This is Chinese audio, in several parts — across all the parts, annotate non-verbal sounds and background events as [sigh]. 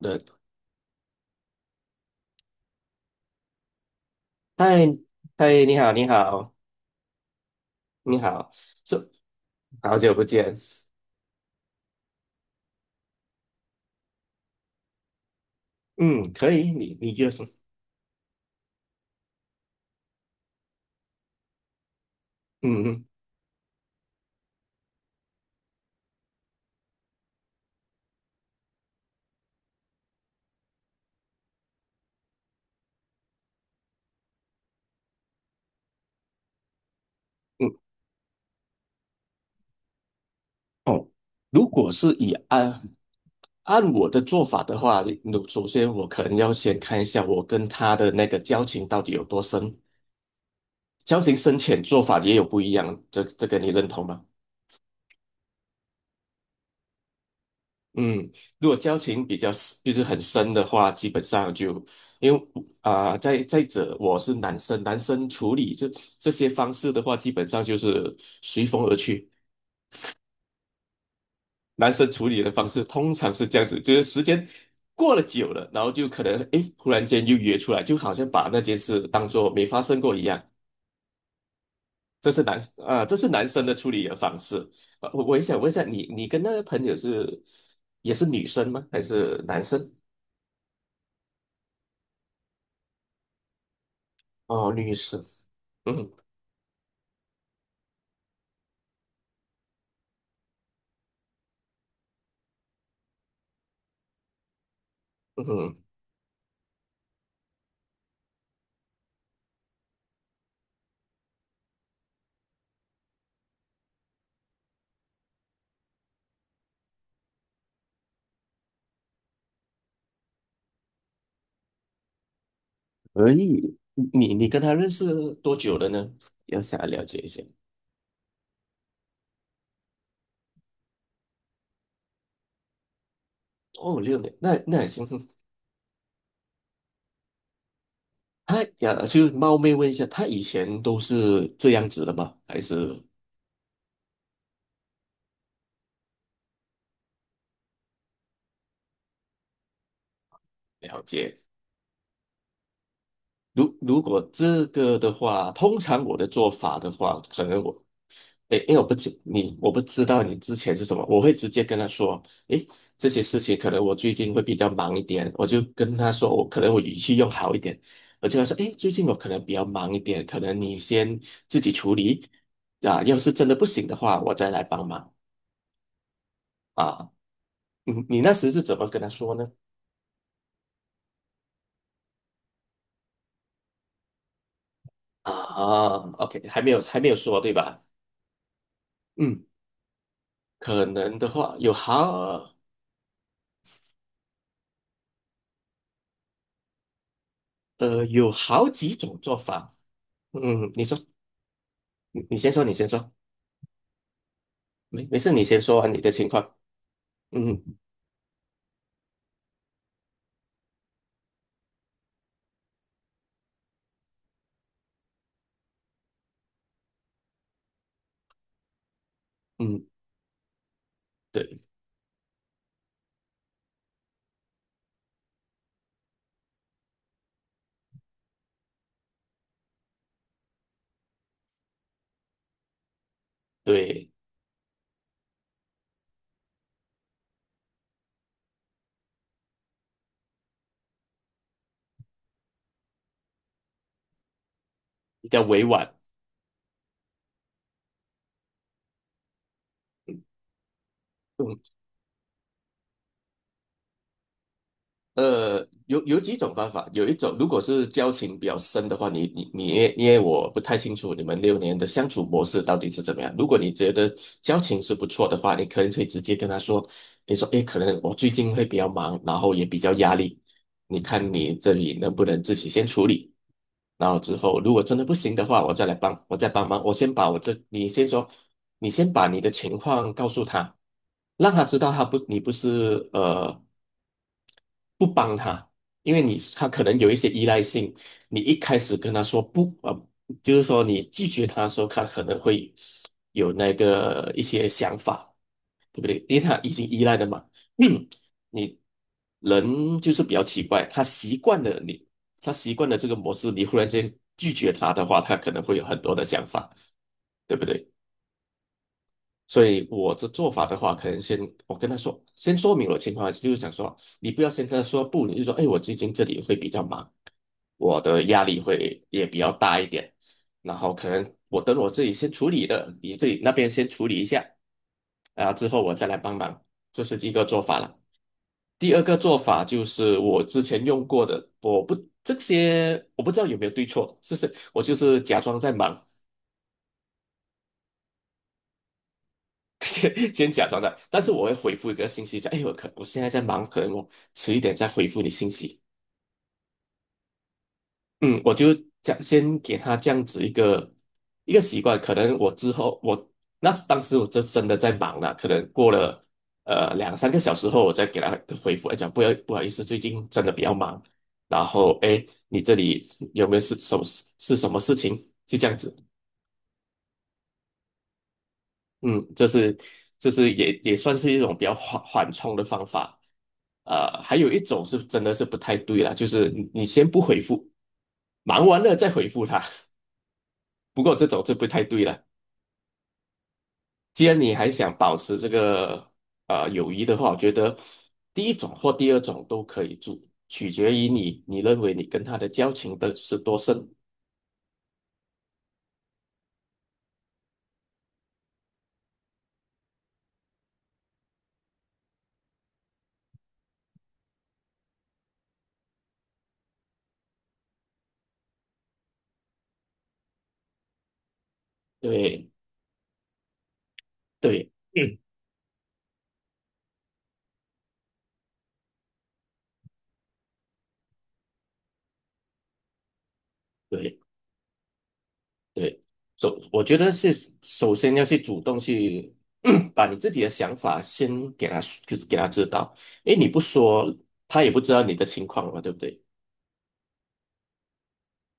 对，嗨，嗨，你好，你好，你好，是好久不见。嗯，可以，你就说，嗯嗯嗯，哦，如果是以按按我的做法的话，那首先我可能要先看一下我跟他的那个交情到底有多深，交情深浅做法也有不一样，这个你认同吗？嗯，如果交情比较 就是很深的话，基本上就因为再者，我是男生，男生处理这些方式的话，基本上就是随风而去。男生处理的方式通常是这样子，就是时间过了久了，然后就可能诶，忽然间又约出来，就好像把那件事当做没发生过一样。这是男这是男生的处理的方式。我也想问一下，你跟那个朋友是也是女生吗？还是男生？哦，律师，嗯哼嗯哼，可以。你跟他认识多久了呢？要想要了解一下。哦，六年，那那也行。他呀，就是冒昧问一下，他以前都是这样子的吗？还是了解？如果这个的话，通常我的做法的话，可能我诶，因为我不知你，我不知道你之前是什么，我会直接跟他说，诶，这些事情可能我最近会比较忙一点，我就跟他说，我可能我语气用好一点，我就跟他说，诶，最近我可能比较忙一点，可能你先自己处理，啊，要是真的不行的话，我再来帮忙啊。你你那时是怎么跟他说呢？啊，OK,还没有还没有说对吧？嗯，可能的话有好有好几种做法，嗯，你说，你你先说，你先说。没事，你先说完你的情况。嗯嗯，对对，比较委婉。嗯。呃，有有几种方法，有一种如果是交情比较深的话，你因为我不太清楚你们六年的相处模式到底是怎么样。如果你觉得交情是不错的话，你可能可以直接跟他说，你说，诶，可能我最近会比较忙，然后也比较压力，你看你这里能不能自己先处理，然后之后如果真的不行的话，我再来帮，我再帮忙，我先把我这，你先说，你先把你的情况告诉他。让他知道他不，你不是不帮他，因为你他可能有一些依赖性，你一开始跟他说不啊，就是说你拒绝他的时候，他可能会有那个一些想法，对不对？因为他已经依赖了嘛。嗯，你人就是比较奇怪，他习惯了你，他习惯了这个模式，你忽然间拒绝他的话，他可能会有很多的想法，对不对？所以我的做法的话，可能先我跟他说，先说明我的情况，就是想说，你不要先跟他说不，你就说，哎，我最近这里会比较忙，我的压力会也比较大一点，然后可能我等我自己先处理了，你自己那边先处理一下，然后之后我再来帮忙，这是第一个做法了。第二个做法就是我之前用过的，我不这些我不知道有没有对错，就是我就是假装在忙，先 [laughs] 先假装的，但是我会回复一个信息讲，哎，我现在在忙，可能我迟一点再回复你信息。嗯，我就讲先给他这样子一个一个习惯，可能我之后我那当时我这真的在忙了，可能过了两三个小时后，我再给他回复，哎，讲不要不好意思，最近真的比较忙，然后哎，诶你这里有没有是什么是什么事情？就这样子。嗯，这是也也算是一种比较缓冲的方法。还有一种是真的是不太对了，就是你先不回复，忙完了再回复他。[laughs] 不过这种就不太对了。既然你还想保持这个友谊的话，我觉得第一种或第二种都可以做，取决于你认为你跟他的交情的是多深。对对，嗯，对。对，我觉得是首先要去主动去 [coughs] [clears throat] 把你自己的想法先给他就是给他知道，因为你不说，他也不知道你的情况嘛，对不对？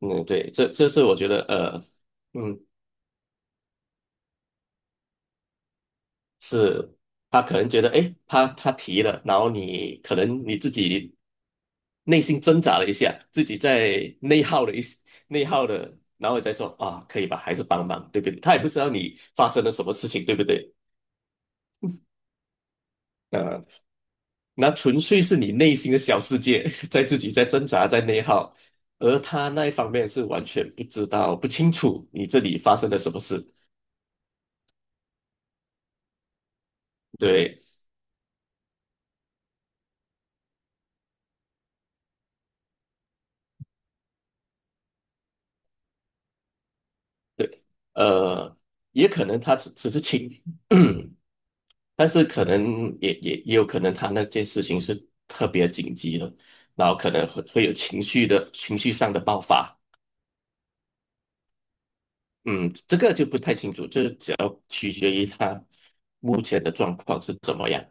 嗯，对，这是我觉得，嗯，是他可能觉得诶，他提了，然后你可能你自己内心挣扎了一下，自己在内耗了一内耗了，然后你再说啊，可以吧，还是帮忙，对不对？他也不知道你发生了什么事情，对不对？呃。那纯粹是你内心的小世界，[laughs] 在自己在挣扎，在内耗，而他那一方面是完全不知道、不清楚你这里发生了什么事。对对，呃，也可能他只只是情，[coughs] [clears throat] 但是可能也也也有可能他那件事情是特别紧急的，然后可能会会有情绪上的爆发。嗯，这个就不太清楚，这只要取决于他目前的状况是怎么样。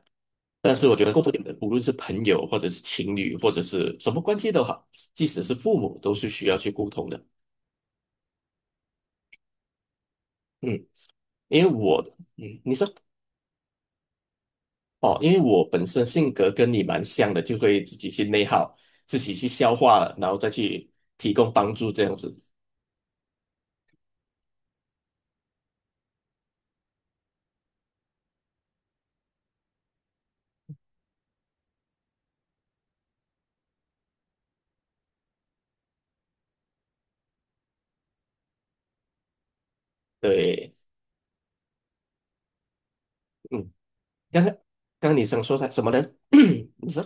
但是我觉得共同点的，无论是朋友，或者是情侣，或者是什么关系都好，即使是父母，都是需要去沟通的。嗯，因为我嗯，你说哦，因为我本身性格跟你蛮像的，就会自己去内耗，自己去消化了，然后再去提供帮助这样子。对，嗯，刚刚刚刚你想说什么呢？[coughs] [clears throat] 你说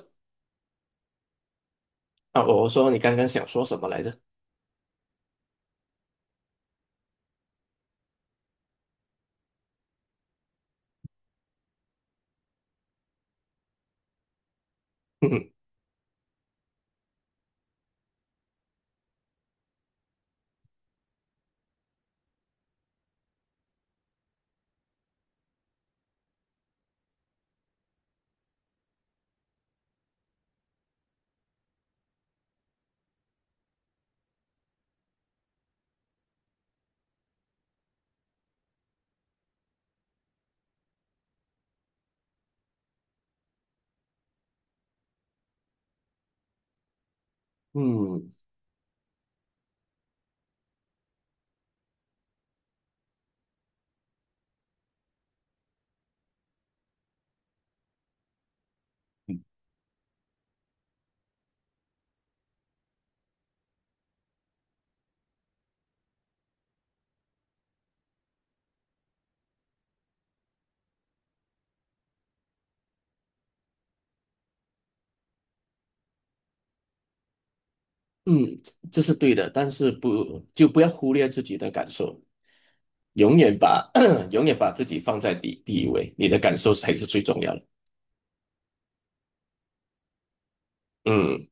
啊，我说你刚刚想说什么来着？[laughs] 嗯嗯嗯，这是对的，但是不要忽略自己的感受。永远把 [clears throat] [coughs] 永远把自己放在第一位，你的感受才是最重要的。嗯，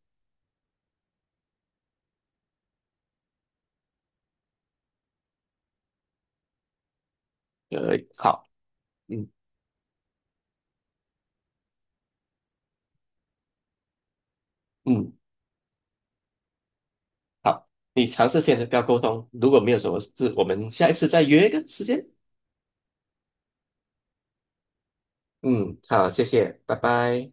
好，嗯嗯，好，你尝试先跟他沟通，如果没有什么事，我们下一次再约一个时间。嗯，好，谢谢，拜拜。